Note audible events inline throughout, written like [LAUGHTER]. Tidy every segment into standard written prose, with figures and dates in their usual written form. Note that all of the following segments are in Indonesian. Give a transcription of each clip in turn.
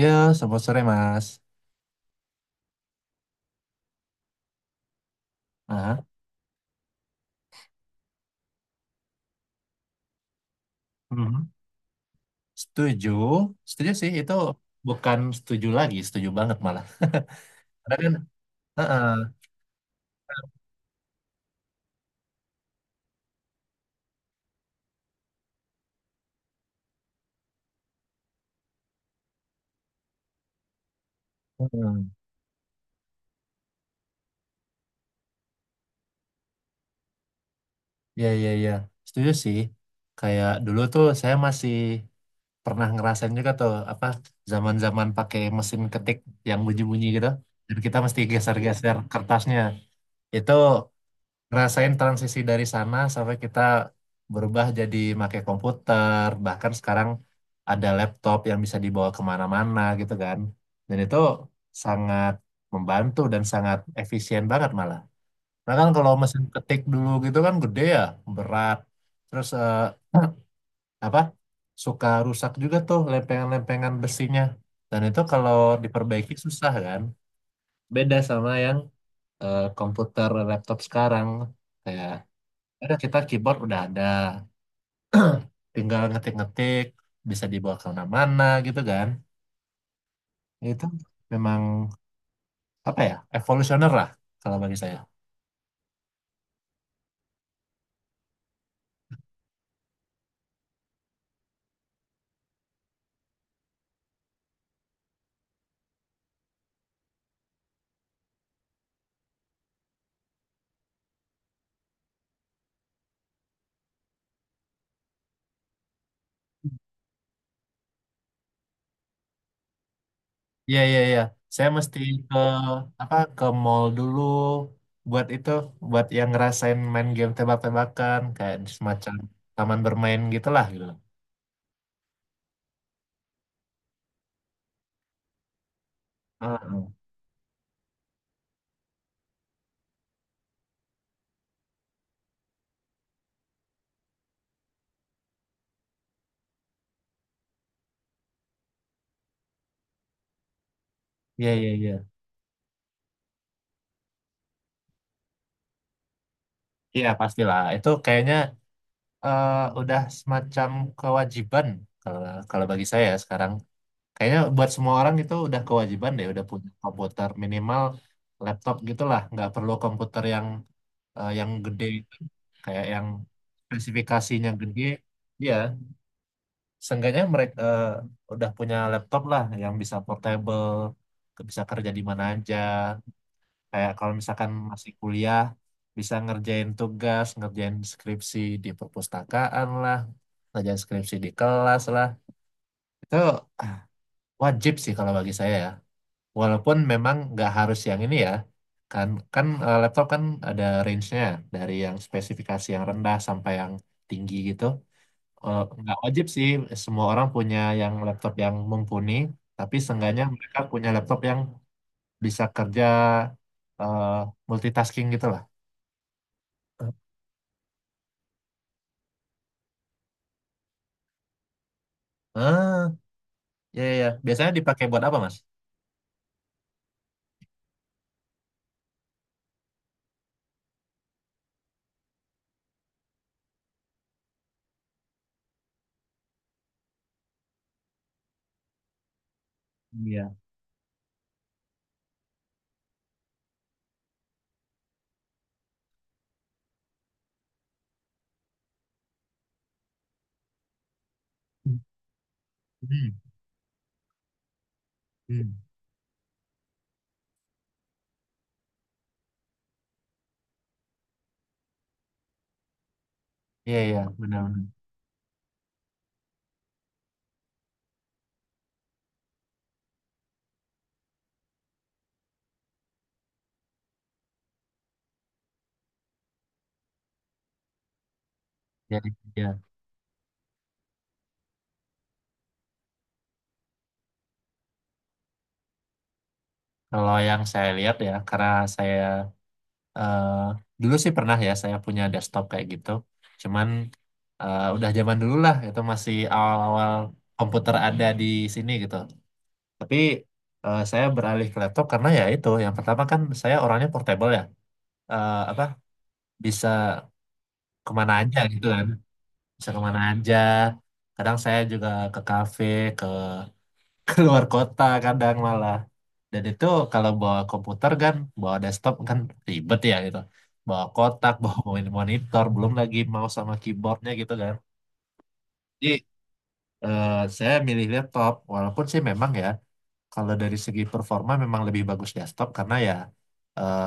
Ya, selamat sore Mas. Ah, mhm, setuju, setuju sih itu bukan setuju lagi, setuju banget malah. [LAUGHS] Karena kan, heeh, heeh, ya ya ya, setuju sih. Kayak dulu tuh saya masih pernah ngerasain juga tuh apa zaman-zaman pakai mesin ketik yang bunyi-bunyi gitu. Jadi kita mesti geser-geser kertasnya. Itu ngerasain transisi dari sana sampai kita berubah jadi pakai komputer, bahkan sekarang ada laptop yang bisa dibawa kemana-mana gitu kan, dan itu sangat membantu dan sangat efisien banget malah. Nah kan kalau mesin ketik dulu gitu kan gede ya, berat, terus apa, suka rusak juga tuh lempengan-lempengan besinya, dan itu kalau diperbaiki susah kan, beda sama yang komputer laptop sekarang kayak ada kita keyboard udah ada. [CLEARS THROAT] Tinggal ngetik-ngetik, bisa dibawa ke mana-mana gitu kan. Itu memang apa ya? Evolusioner lah kalau bagi saya. Iya, iya, iya. Saya mesti ke apa, ke mall dulu buat itu, buat yang ngerasain main game tebak-tebakan kayak semacam taman bermain gitulah gitu loh. Heeh. Iya, iya, iya. Iya, pastilah. Itu kayaknya eh, udah semacam kewajiban kalau kalau bagi saya sekarang. Kayaknya buat semua orang itu udah kewajiban deh, udah punya komputer minimal laptop gitulah, nggak perlu komputer yang yang gede kayak yang spesifikasinya gede. Iya, seenggaknya mereka udah punya laptop lah yang bisa portable, bisa kerja di mana aja. Kayak kalau misalkan masih kuliah, bisa ngerjain tugas, ngerjain skripsi di perpustakaan lah, ngerjain skripsi di kelas lah. Itu ah, wajib sih kalau bagi saya ya. Walaupun memang nggak harus yang ini ya, kan kan eh, laptop kan ada range-nya dari yang spesifikasi yang rendah sampai yang tinggi gitu. Nggak wajib sih semua orang punya yang laptop yang mumpuni, tapi seenggaknya mereka punya laptop yang bisa kerja eh, multitasking gitu lah. Ah, ya ya. Biasanya dipakai buat apa, Mas? Iya. Hmm. Hmm. Iya iya, benar-benar. Jadi ya, kalau yang saya lihat ya, karena saya eh dulu sih pernah ya saya punya desktop kayak gitu. Cuman udah zaman dulu lah itu masih awal-awal komputer ada di sini gitu. Tapi saya beralih ke laptop karena ya itu yang pertama kan saya orangnya portable ya. Apa bisa kemana aja gitu kan. Bisa kemana aja. Kadang saya juga ke kafe, ke [LAUGHS] keluar kota kadang malah. Dan itu kalau bawa komputer kan, bawa desktop kan ribet ya gitu. Bawa kotak, [LAUGHS] bawa monitor, belum lagi mouse sama keyboardnya gitu kan. Jadi eh, saya milih laptop, walaupun sih memang ya, kalau dari segi performa memang lebih bagus desktop karena ya eh,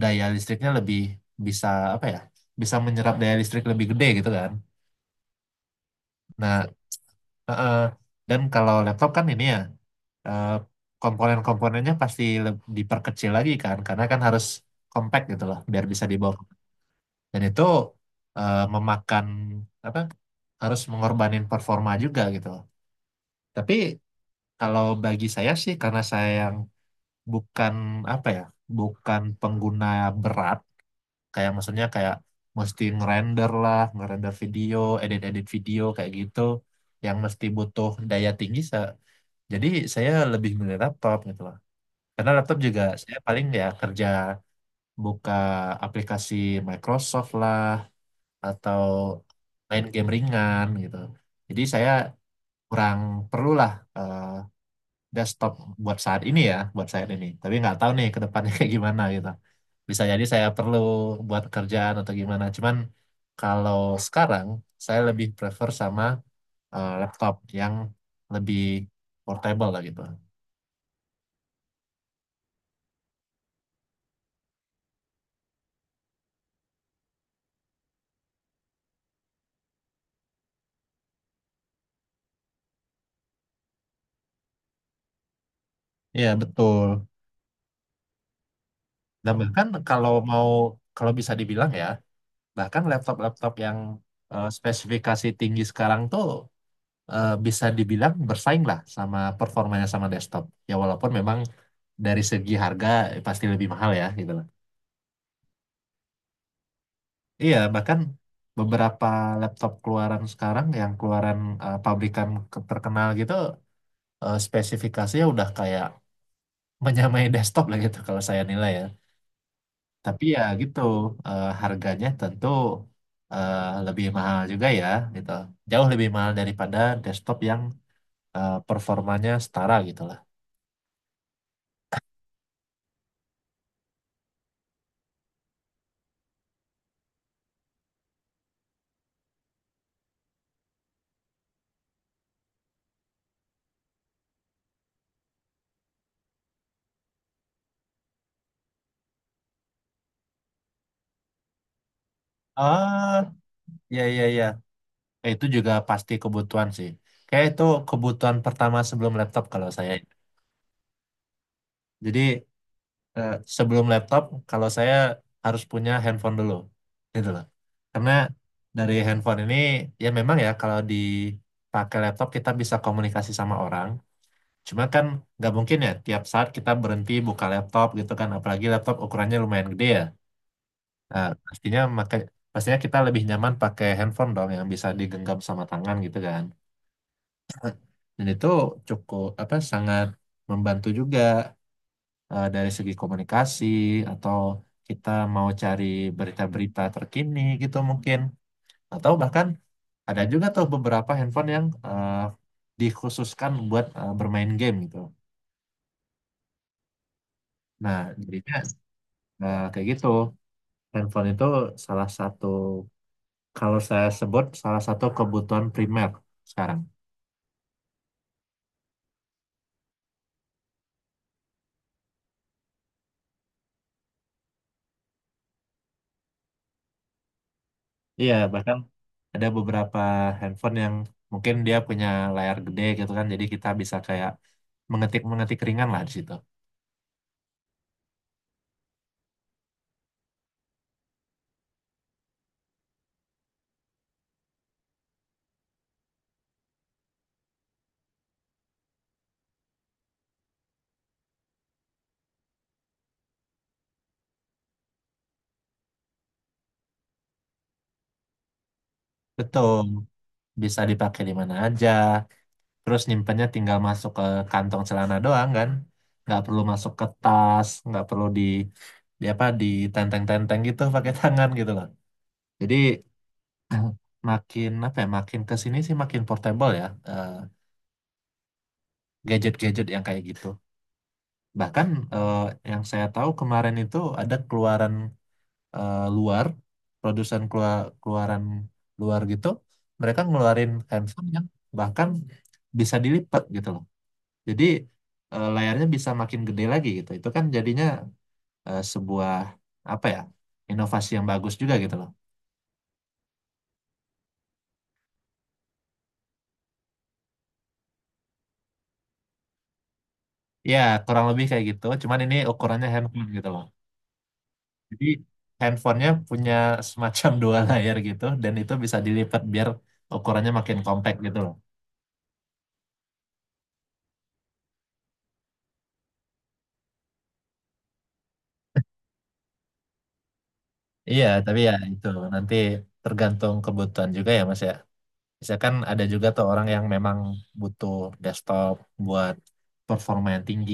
daya listriknya lebih bisa apa ya, bisa menyerap daya listrik lebih gede gitu kan. Nah, eh, eh, dan kalau laptop kan ini ya. eh, Komponen-komponennya pasti diperkecil lagi kan karena kan harus compact gitu loh biar bisa dibawa, dan itu memakan apa, harus mengorbanin performa juga gitu loh. Tapi kalau bagi saya sih karena saya yang bukan apa ya, bukan pengguna berat kayak maksudnya kayak mesti ngerender lah, ngerender video, edit-edit video kayak gitu yang mesti butuh daya tinggi, jadi saya lebih milih laptop gitu loh. Karena laptop juga saya paling ya kerja buka aplikasi Microsoft lah atau main game ringan gitu. Jadi saya kurang perlulah eh, desktop buat saat ini ya, buat saat ini. Tapi nggak tahu nih ke depannya [LAUGHS] kayak gimana gitu. Bisa jadi saya perlu buat kerjaan atau gimana. Cuman kalau sekarang saya lebih prefer sama laptop yang lebih portable lah gitu. Iya betul. Dan bahkan kalau mau, bisa dibilang ya, bahkan laptop-laptop yang spesifikasi tinggi sekarang tuh bisa dibilang bersaing lah sama performanya sama desktop. Ya walaupun memang dari segi harga pasti lebih mahal ya gitu lah. Iya, bahkan beberapa laptop keluaran sekarang yang keluaran pabrikan terkenal gitu, spesifikasinya udah kayak menyamai [LAUGHS] desktop lah gitu kalau saya nilai ya. Tapi ya gitu, harganya tentu eh, lebih mahal juga ya, gitu. Jauh lebih mahal daripada desktop yang performanya setara gitu lah. Ah, ya ya ya. Itu juga pasti kebutuhan sih. Kayak itu kebutuhan pertama sebelum laptop kalau saya. Jadi eh, sebelum laptop kalau saya harus punya handphone dulu, gitu loh. Karena dari handphone ini ya memang ya kalau dipakai laptop kita bisa komunikasi sama orang. Cuma kan nggak mungkin ya tiap saat kita berhenti buka laptop gitu kan, apalagi laptop ukurannya lumayan gede ya. Nah, pastinya pastinya kita lebih nyaman pakai handphone dong yang bisa digenggam sama tangan gitu kan. [CLEARS THROAT] [LAUGHS] Dan itu cukup apa, sangat membantu juga dari segi komunikasi, atau kita mau cari berita-berita terkini gitu mungkin. Atau bahkan ada juga tuh beberapa handphone yang dikhususkan buat bermain game gitu. Nah, jadinya Nah, kayak gitu. Handphone itu salah satu, kalau saya sebut, salah satu kebutuhan primer sekarang. Iya, bahkan ada beberapa handphone yang mungkin dia punya layar gede gitu kan, jadi kita bisa kayak mengetik-mengetik ringan lah di situ. Betul, bisa dipakai di mana aja. Terus nyimpennya tinggal masuk ke kantong celana doang kan. Nggak perlu masuk ke tas, nggak perlu di apa, ditenteng-tenteng gitu pakai tangan gitu loh. Jadi [CLEARS THROAT] [LAUGHS] makin apa ya, makin ke sini sih makin portable ya, gadget-gadget yang kayak gitu. Bahkan eh, yang saya tahu kemarin itu ada keluaran luar, produsen, keluaran luar gitu, mereka ngeluarin handphone yang bahkan bisa dilipat gitu loh, jadi layarnya bisa makin gede lagi gitu, itu kan jadinya sebuah apa ya, inovasi yang bagus juga gitu loh. Ya kurang lebih kayak gitu cuman ini ukurannya handphone gitu loh. Jadi handphonenya punya semacam dua layar gitu dan itu bisa dilipat biar ukurannya makin compact gitu loh. Iya, tapi ya itu nanti tergantung kebutuhan juga ya Mas ya. Misalkan ada juga tuh orang yang memang butuh desktop buat performa yang tinggi.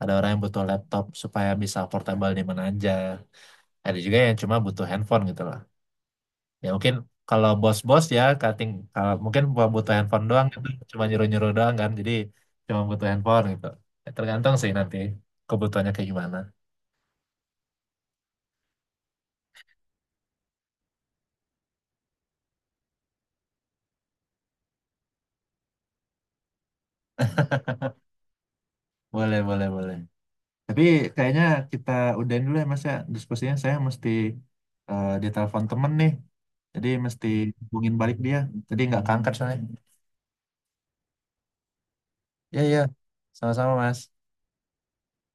Ada orang yang butuh laptop supaya bisa portable di mana aja. Ada juga yang cuma butuh handphone gitu loh. Ya mungkin kalau bos-bos ya cutting, kalau mungkin cuma butuh handphone doang itu cuma nyuruh-nyuruh doang kan, jadi cuma butuh handphone gitu. Ya, tergantung sih nanti kebutuhannya kayak gimana. [LAUGHS] Boleh, boleh, boleh. Tapi kayaknya kita udahin dulu ya Mas ya. Diskusinya saya mesti ditelepon temen nih. Jadi mesti hubungin balik dia. Jadi nggak keangkat soalnya. Ya ya, sama-sama Mas.